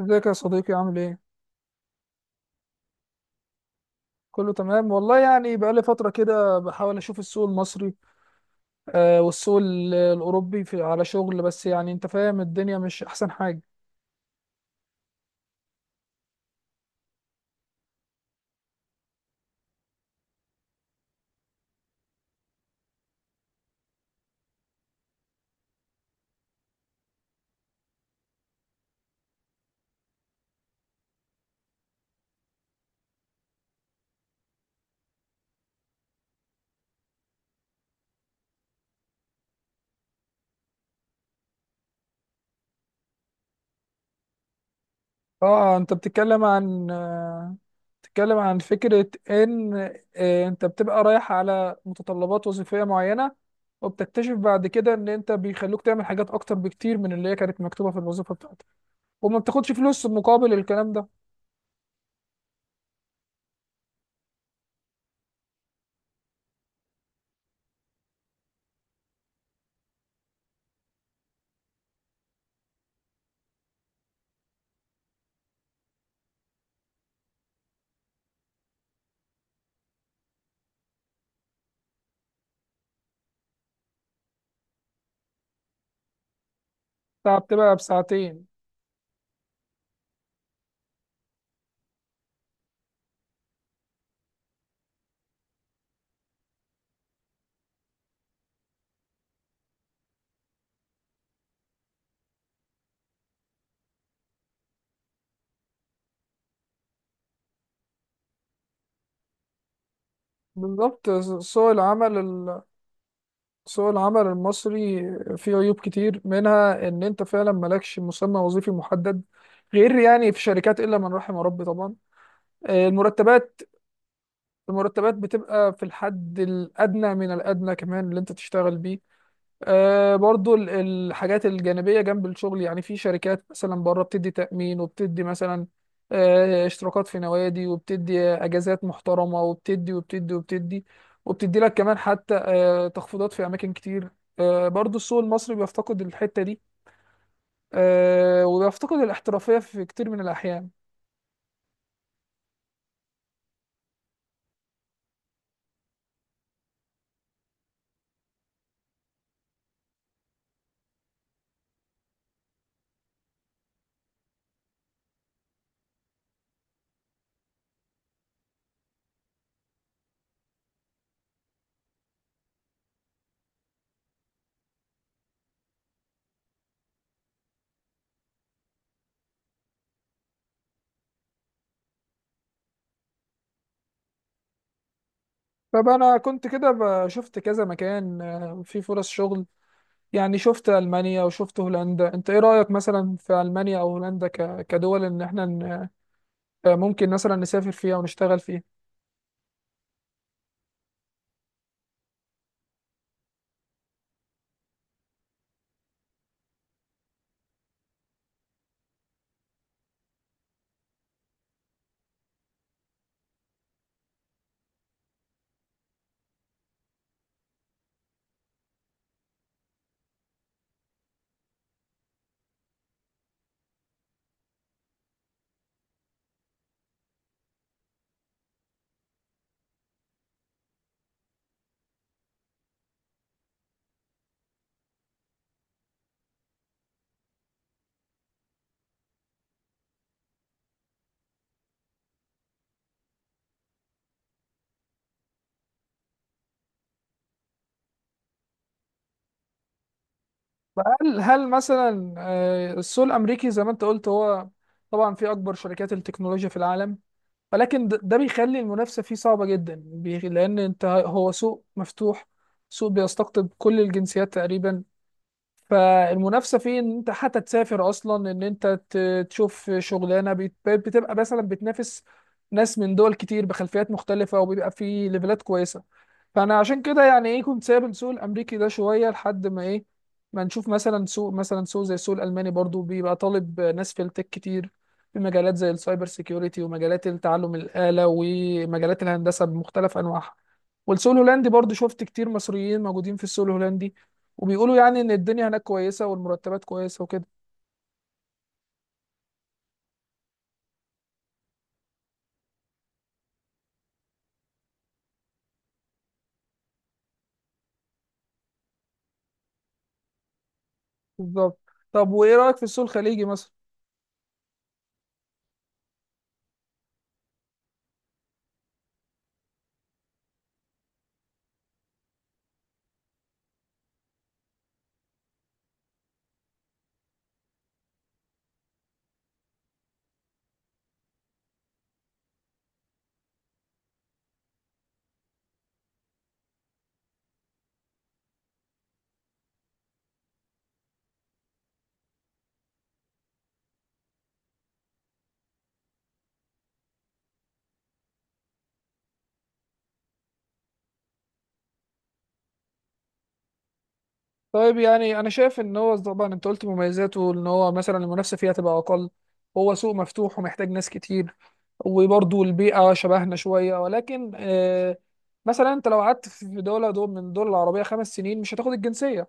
ازيك يا صديقي عامل ايه؟ كله تمام والله، يعني بقالي فترة كده بحاول اشوف السوق المصري. والسوق الاوروبي في على شغل، بس يعني انت فاهم الدنيا مش احسن حاجة. اه، انت بتتكلم عن فكرة ان انت بتبقى رايح على متطلبات وظيفية معينة، وبتكتشف بعد كده ان انت بيخلوك تعمل حاجات اكتر بكتير من اللي هي كانت مكتوبة في الوظيفة بتاعتك، وما بتاخدش فلوس مقابل الكلام ده. بتبقى بساعتين. بالظبط. سوق العمل سوق العمل المصري فيه عيوب كتير، منها ان انت فعلا مالكش مسمى وظيفي محدد، غير يعني في شركات الا من رحم ربي طبعا. آه، المرتبات المرتبات بتبقى في الحد الادنى من الادنى، كمان اللي انت تشتغل بيه. برضو الحاجات الجانبية جنب الشغل، يعني في شركات مثلا بره بتدي تأمين، وبتدي مثلا اشتراكات في نوادي، وبتدي أجازات محترمة، وبتدي وبتدي وبتدي وبتدي لك كمان حتى تخفيضات في أماكن كتير. برضو السوق المصري بيفتقد الحتة دي، وبيفتقد الاحترافية في كتير من الأحيان. فأنا كنت كده شفت كذا مكان في فرص شغل، يعني شفت ألمانيا وشفت هولندا. انت ايه رأيك مثلا في ألمانيا او هولندا كدول ان احنا ممكن مثلا نسافر فيها ونشتغل فيها؟ هل مثلا السوق الامريكي زي ما انت قلت، هو طبعا في اكبر شركات التكنولوجيا في العالم، ولكن ده بيخلي المنافسه فيه صعبه جدا، لان انت هو سوق مفتوح، سوق بيستقطب كل الجنسيات تقريبا. فالمنافسه فيه ان انت حتى تسافر اصلا، ان انت تشوف شغلانه بتبقى مثلا بتنافس ناس من دول كتير بخلفيات مختلفه، وبيبقى في ليفلات كويسه. فانا عشان كده يعني ايه كنت سايب السوق الامريكي ده شويه، لحد ما ايه، ما نشوف مثلا سوق زي السوق الالماني، برضو بيبقى طالب ناس في التك كتير، في مجالات زي السايبر سيكيورتي، ومجالات التعلم الاله، ومجالات الهندسه بمختلف انواعها. والسوق الهولندي برضو شفت كتير مصريين موجودين في السوق الهولندي، وبيقولوا يعني ان الدنيا هناك كويسه، والمرتبات كويسه وكده. بالظبط. طب وايه رايك في السوق الخليجي مثلا؟ طيب يعني انا شايف ان هو طبعا انت قلت مميزاته ان هو مثلا المنافسه فيها تبقى اقل، هو سوق مفتوح ومحتاج ناس كتير، وبرضه البيئه شبهنا شويه، ولكن مثلا انت لو قعدت في دول من الدول العربيه 5 سنين مش هتاخد الجنسيه،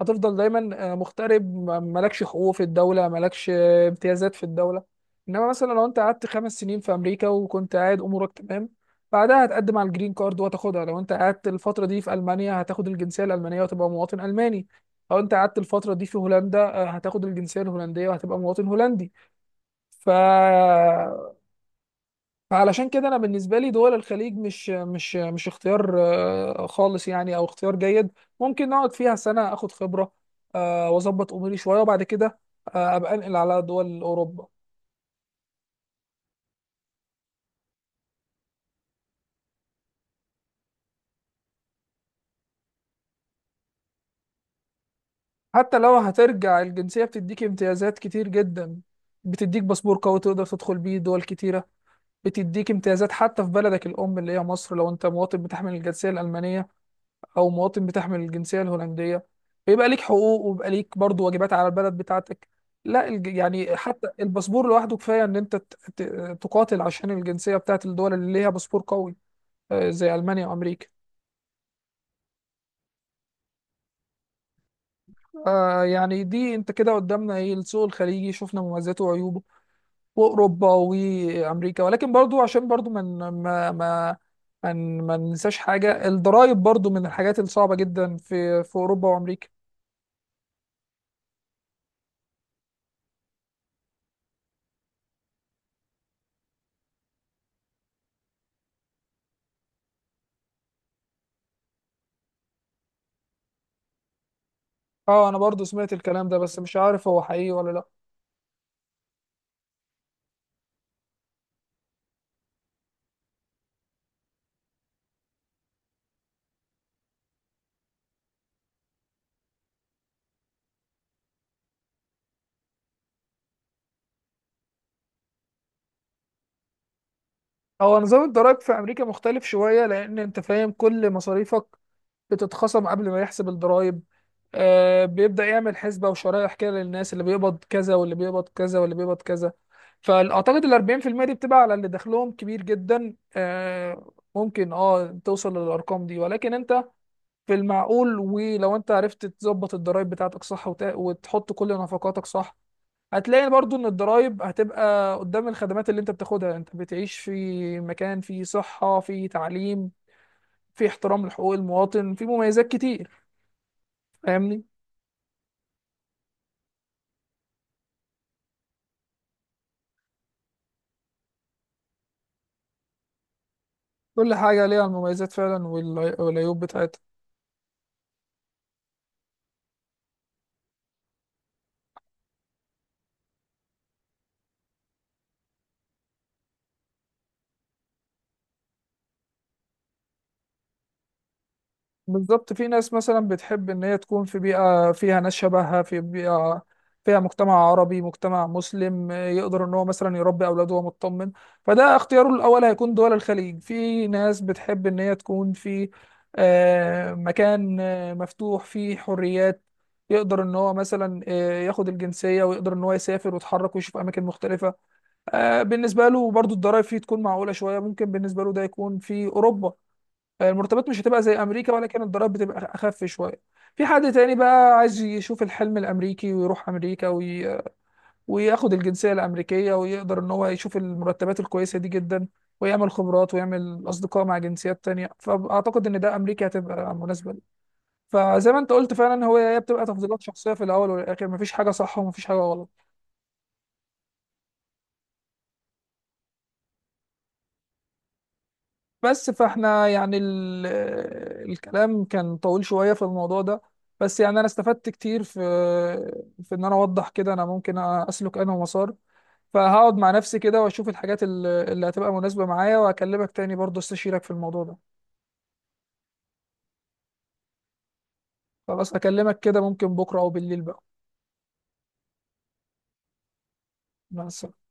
هتفضل دايما مغترب، مالكش حقوق في الدولة، مالكش امتيازات في الدولة. انما مثلا لو انت قعدت 5 سنين في امريكا وكنت قاعد امورك تمام، بعدها هتقدم على الجرين كارد وهتاخدها. لو انت قعدت الفترة دي في المانيا هتاخد الجنسية الالمانية وهتبقى مواطن الماني، لو انت قعدت الفترة دي في هولندا هتاخد الجنسية الهولندية وهتبقى مواطن هولندي. ف فعلشان كده انا بالنسبه لي دول الخليج مش اختيار خالص، يعني او اختيار جيد، ممكن نقعد فيها سنه اخد خبره واظبط اموري شويه، وبعد كده ابقى انقل على دول اوروبا. حتى لو هترجع، الجنسيه بتديك امتيازات كتير جدا، بتديك باسبور قوي تقدر تدخل بيه دول كتيره، بتديك امتيازات حتى في بلدك الام اللي هي مصر. لو انت مواطن بتحمل الجنسيه الالمانيه او مواطن بتحمل الجنسيه الهولنديه، فيبقى ليك حقوق ويبقى ليك برضو واجبات على البلد بتاعتك. لا يعني حتى الباسبور لوحده كفايه ان انت تقاتل عشان الجنسيه بتاعت الدول اللي ليها باسبور قوي، زي المانيا وامريكا. يعني دي انت كده قدامنا ايه، السوق الخليجي شفنا مميزاته وعيوبه، واوروبا وامريكا، ولكن برضو عشان برضو ما ما ما ننساش حاجه، الضرائب برضو من الحاجات الصعبه جدا في اوروبا وامريكا. اه، انا برضو سمعت الكلام ده، بس مش عارف هو حقيقي ولا لا. هو نظام الضرائب في امريكا مختلف شوية، لان انت فاهم كل مصاريفك بتتخصم قبل ما يحسب الضرائب. بيبدأ يعمل حسبة وشرائح كده للناس اللي بيقبض كذا واللي بيقبض كذا واللي بيقبض كذا، فاعتقد ال 40% دي بتبقى على اللي دخلهم كبير جدا، ممكن توصل للارقام دي، ولكن انت في المعقول، ولو انت عرفت تظبط الضرائب بتاعتك صح وتحط كل نفقاتك صح، هتلاقي برضو ان الضرايب هتبقى قدام الخدمات اللي انت بتاخدها. انت بتعيش في مكان فيه صحة، فيه تعليم، فيه احترام لحقوق المواطن، فيه مميزات كتير، فاهمني. كل حاجة ليها المميزات فعلا والعيوب بتاعتها. بالظبط. في ناس مثلا بتحب ان هي تكون في بيئة فيها ناس شبهها، في بيئة فيها مجتمع عربي، مجتمع مسلم، يقدر ان هو مثلا يربي اولاده وهو مطمن، فده اختياره الاول هيكون دول الخليج. في ناس بتحب ان هي تكون في مكان مفتوح فيه حريات، يقدر ان هو مثلا ياخد الجنسية، ويقدر ان هو يسافر ويتحرك ويشوف اماكن مختلفة، بالنسبة له برضو الضرايب فيه تكون معقولة شوية، ممكن بالنسبة له ده يكون في اوروبا. المرتبات مش هتبقى زي امريكا، ولكن الضرائب بتبقى اخف شويه. في حد تاني بقى عايز يشوف الحلم الامريكي، ويروح امريكا وياخد الجنسيه الامريكيه، ويقدر ان هو يشوف المرتبات الكويسه دي جدا، ويعمل خبرات ويعمل اصدقاء مع جنسيات تانية، فاعتقد ان ده امريكا هتبقى مناسبه ليه. فزي ما انت قلت، فعلا هي بتبقى تفضيلات شخصيه في الاول والاخر، مفيش حاجه صح ومفيش حاجه غلط. بس فاحنا يعني الكلام كان طويل شوية في الموضوع ده، بس يعني انا استفدت كتير في ان انا اوضح كده انا ممكن اسلك انا مسار. فهقعد مع نفسي كده واشوف الحاجات اللي هتبقى مناسبة معايا، واكلمك تاني برضه استشيرك في الموضوع ده. خلاص اكلمك كده، ممكن بكرة او بالليل بقى. مع السلامة.